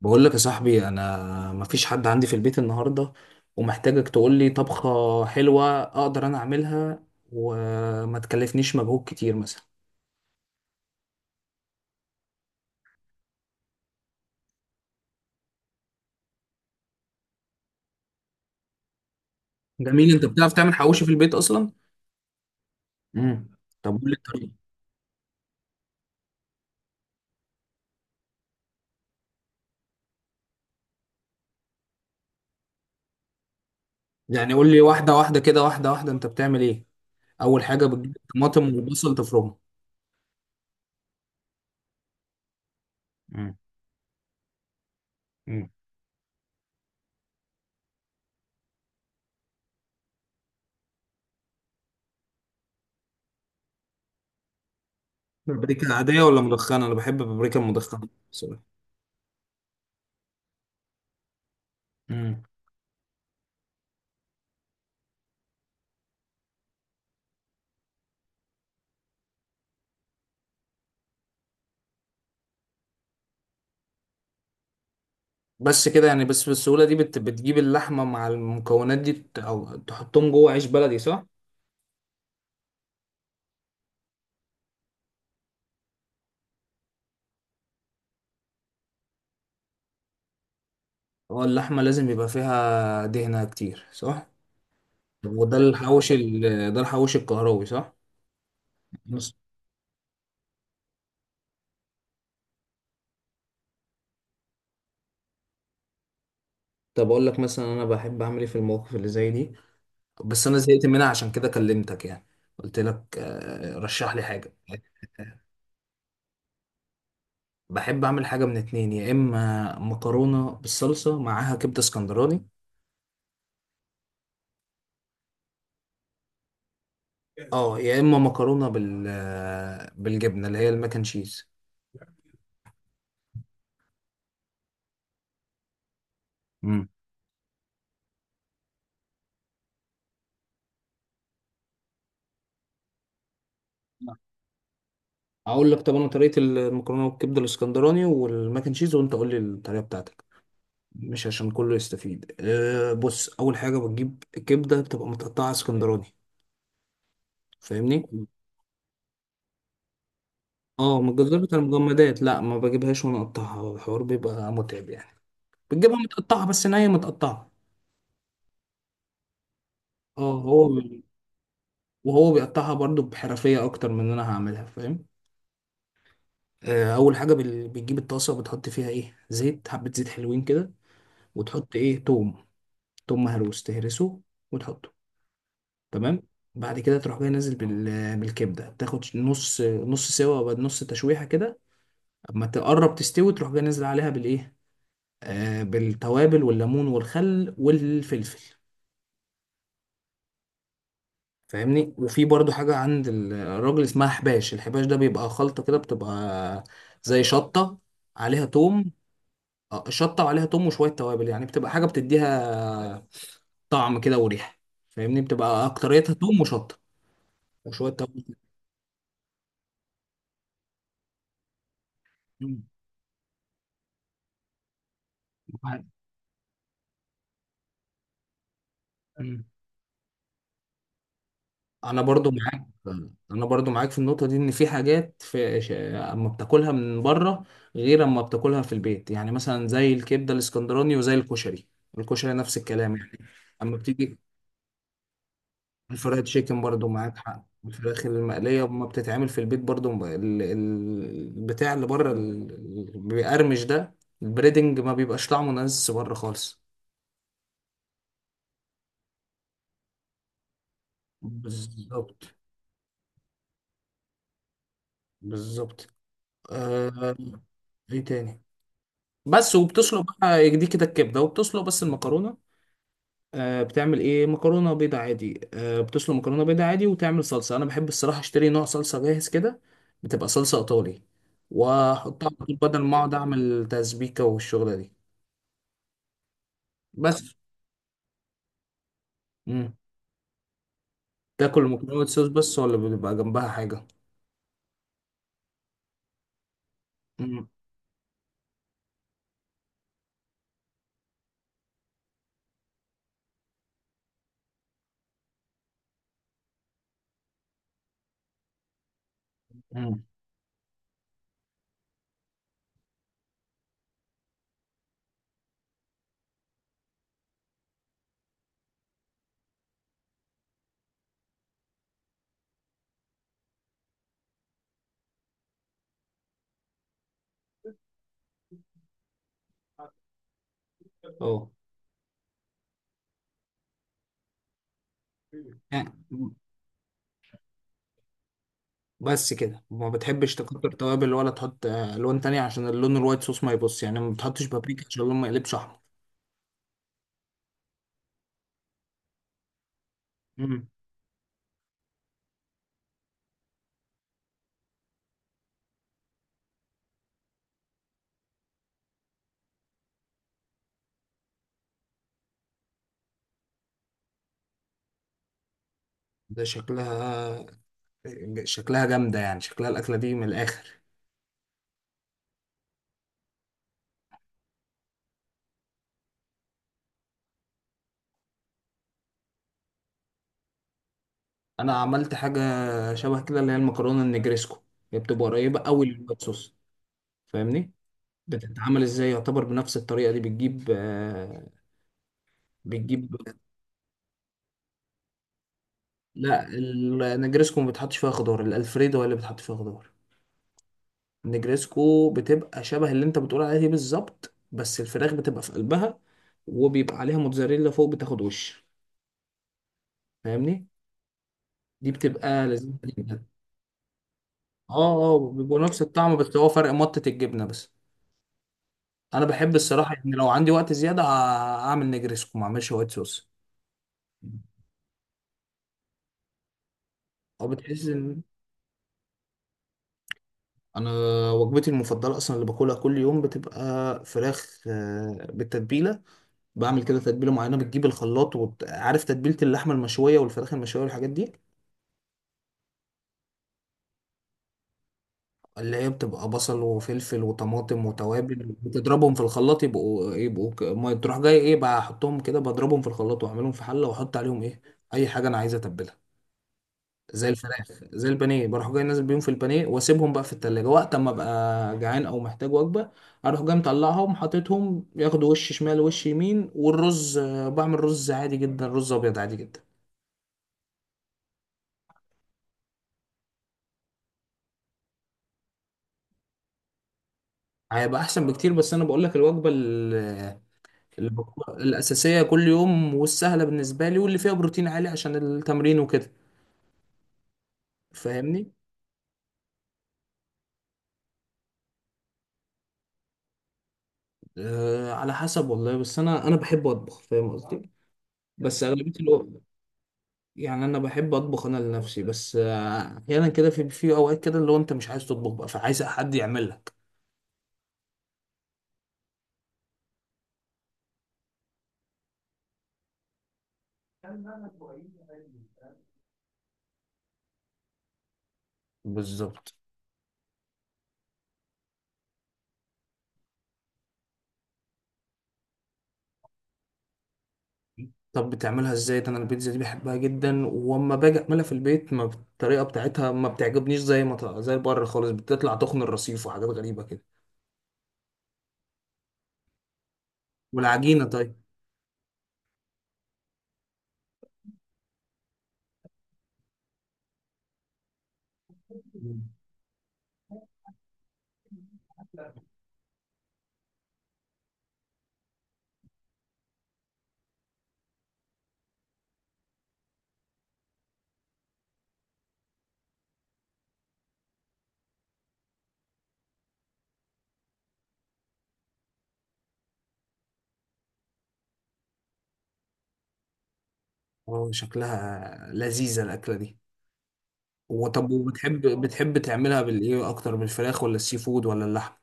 بقول لك يا صاحبي، انا مفيش حد عندي في البيت النهارده، ومحتاجك تقول لي طبخه حلوه اقدر انا اعملها وما تكلفنيش مجهود كتير مثلا. جميل، انت بتعرف تعمل حواوشي في البيت اصلا؟ امم. طب قول لي الطريقه. يعني قول لي واحده واحده كده، واحده واحده انت بتعمل ايه. اول حاجه بتجيب الطماطم والبصل تفرمهم؟ امم. امم. بابريكا عاديه ولا مدخنه؟ انا بحب بابريكا مدخنه بصراحه. امم. بس كده يعني؟ بس بالسهوله دي بتجيب اللحمه مع المكونات دي، او تحطهم جوه عيش بلدي، صح؟ هو اللحمة لازم يبقى فيها دهنة كتير صح؟ ده الحوش الكهربي، صح؟ بس. طب أقول لك مثلا أنا بحب أعمل إيه في المواقف اللي زي دي. بس أنا زهقت منها عشان كده كلمتك يعني. قلت لك رشح لي حاجة. بحب أعمل حاجة من اتنين، يا إما مكرونة بالصلصة معاها كبدة اسكندراني. أه، يا إما مكرونة بالجبنة اللي هي الماك أند تشيز. مم. أقول لك، طب أنا طريقة المكرونة بالكبدة الاسكندراني والماك أند تشيز، وأنت قول لي الطريقة بتاعتك. مش عشان كله يستفيد. أه، بص، اول حاجه بتجيب كبده بتبقى متقطعه اسكندراني. فاهمني؟ اه، من الجزار بتاع المجمدات. لا، ما بجيبهاش وانا اقطعها، الحوار بيبقى متعب يعني. بتجيبها متقطعه، بس نيه متقطعه. اه، هو وهو بيقطعها برضو بحرفيه اكتر من ان انا هعملها، فاهم؟ اول حاجه بتجيب الطاسه بتحط فيها ايه، زيت، حبه زيت حلوين كده. وتحط ايه؟ توم. توم مهروس تهرسه وتحطه، تمام. بعد كده تروح جاي نازل بالكبده، تاخد نص نص سوا، وبعد نص تشويحه كده. اما تقرب تستوي تروح جاي نازل عليها بالايه، بالتوابل والليمون والخل والفلفل. فاهمني؟ وفي برضو حاجه عند الراجل اسمها حباش. الحباش ده بيبقى خلطه كده، بتبقى زي شطه، عليها توم. شطه وعليها توم وشويه توابل يعني، بتبقى حاجه بتديها طعم كده وريحه. فاهمني؟ بتبقى اكتريتها توم وشطه وشويه توابل. مم. انا برضو معاك. انا برضو معاك في النقطه دي، ان في حاجات اما بتاكلها من بره، غير اما بتاكلها في البيت يعني، مثلا زي الكبده الاسكندراني وزي الكشري. الكشري نفس الكلام يعني. اما بتيجي الفرايد تشيكن برضو معاك حق. الفراخ المقليه اما بتتعمل في البيت برضو، البتاع اللي بره بيقرمش ده، البريدنج ما بيبقاش طعمه نازل بره خالص. بالظبط. بالظبط. آه... ايه تاني؟ بس. وبتسلق بقى دي كده الكبده، وبتسلق بس المكرونه. بتعمل ايه؟ مكرونه بيضه عادي. بتسلق مكرونه بيضه عادي وتعمل صلصه. انا بحب الصراحه اشتري نوع صلصه جاهز كده. بتبقى صلصه ايطالي واحطها على طول، بدل ما اقعد اعمل تسبيكه والشغله دي. بس. مم. تاكل المكرونه وايت صوص بس، ولا بيبقى جنبها حاجه؟ مم. مم. اه، يعني بس كده ما بتحبش تكتر توابل ولا تحط الوان تانية عشان اللون الوايت صوص ما يبص يعني، ما بتحطش بابريكا عشان اللون ما يقلبش احمر؟ مم. ده شكلها جامدة يعني، شكلها الأكلة دي من الآخر. أنا عملت حاجة شبه كده، اللي هي المكرونة النجريسكو. هي بتبقى قريبة أوي للوايت صوص. فاهمني؟ بتتعمل إزاي؟ يعتبر بنفس الطريقة دي. بتجيب. لا، النجريسكو ما بتحطش فيها خضار. الألفريدو هي اللي بتحط فيها خضار. النجريسكو بتبقى شبه اللي أنت بتقول عليها دي بالظبط، بس الفراخ بتبقى في قلبها. وبيبقى عليها موتزاريلا فوق بتاخد وش. فاهمني؟ دي بتبقى لذيذة جدا. اه، اه، بيبقوا نفس الطعم، بس هو فرق مطة الجبنة بس. انا بحب الصراحة ان لو عندي وقت زيادة هعمل نجريسكو ما اعملش وايت صوص. او بتحس ان... انا، وجبتي المفضلة اصلا اللي باكلها كل يوم، بتبقى فراخ بالتتبيلة. بعمل كده تتبيلة معينة، بتجيب الخلاط. وعارف تتبيلة اللحمة المشوية والفراخ المشوية والحاجات دي؟ اللي هي بتبقى بصل وفلفل وطماطم وتوابل. بتضربهم في الخلاط يبقوا ما تروح جاي ايه بقى احطهم كده، بضربهم في الخلاط واعملهم في حله، واحط عليهم ايه؟ اي حاجه انا عايز اتبلها. زي الفراخ، زي البانيه، بروح جاي نازل بيهم في البانيه واسيبهم بقى في التلاجة، وقت اما ابقى جعان او محتاج وجبه. اروح جاي مطلعهم، حاططهم ياخدوا وش شمال وش يمين. والرز بعمل رز عادي جدا، رز ابيض عادي جدا. هيبقى احسن بكتير، بس انا بقول لك الوجبه اللي هو الأساسية كل يوم والسهلة بالنسبة لي واللي فيها بروتين عالي عشان التمرين وكده. فاهمني؟ أه، على حسب والله. بس أنا بحب أطبخ، فاهم قصدي؟ بس أغلبية الوقت. يعني أنا بحب أطبخ أنا لنفسي، بس أحيانا كده في أوقات كده اللي هو أنت مش عايز تطبخ بقى، فعايز حد يعمل لك. بالظبط. طب بتعملها ازاي ده؟ انا البيتزا دي بحبها جدا، واما باجي اعملها في البيت ما الطريقه بتاعتها ما بتعجبنيش، زي ما ط- زي بره خالص بتطلع تخن الرصيف وحاجات غريبه كده. والعجينه. طيب. اه، شكلها لذيذة الأكلة دي. وطب، وبتحب، بتحب تعملها بالإيه أكتر، بالفراخ ولا السي فود ولا اللحم؟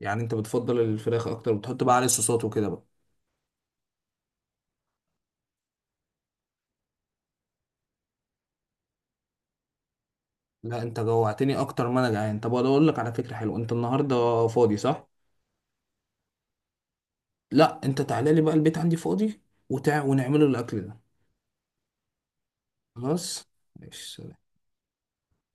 يعني أنت بتفضل الفراخ أكتر، وبتحط بقى عليه صوصات وكده بقى؟ لا، أنت جوعتني أكتر ما أنا جعان. طب أنا أقول لك على فكرة حلوة، أنت النهاردة فاضي صح؟ لا، أنت تعالى لي بقى، البيت عندي فاضي، ونعمله الأكل ده. خلاص. ماشي.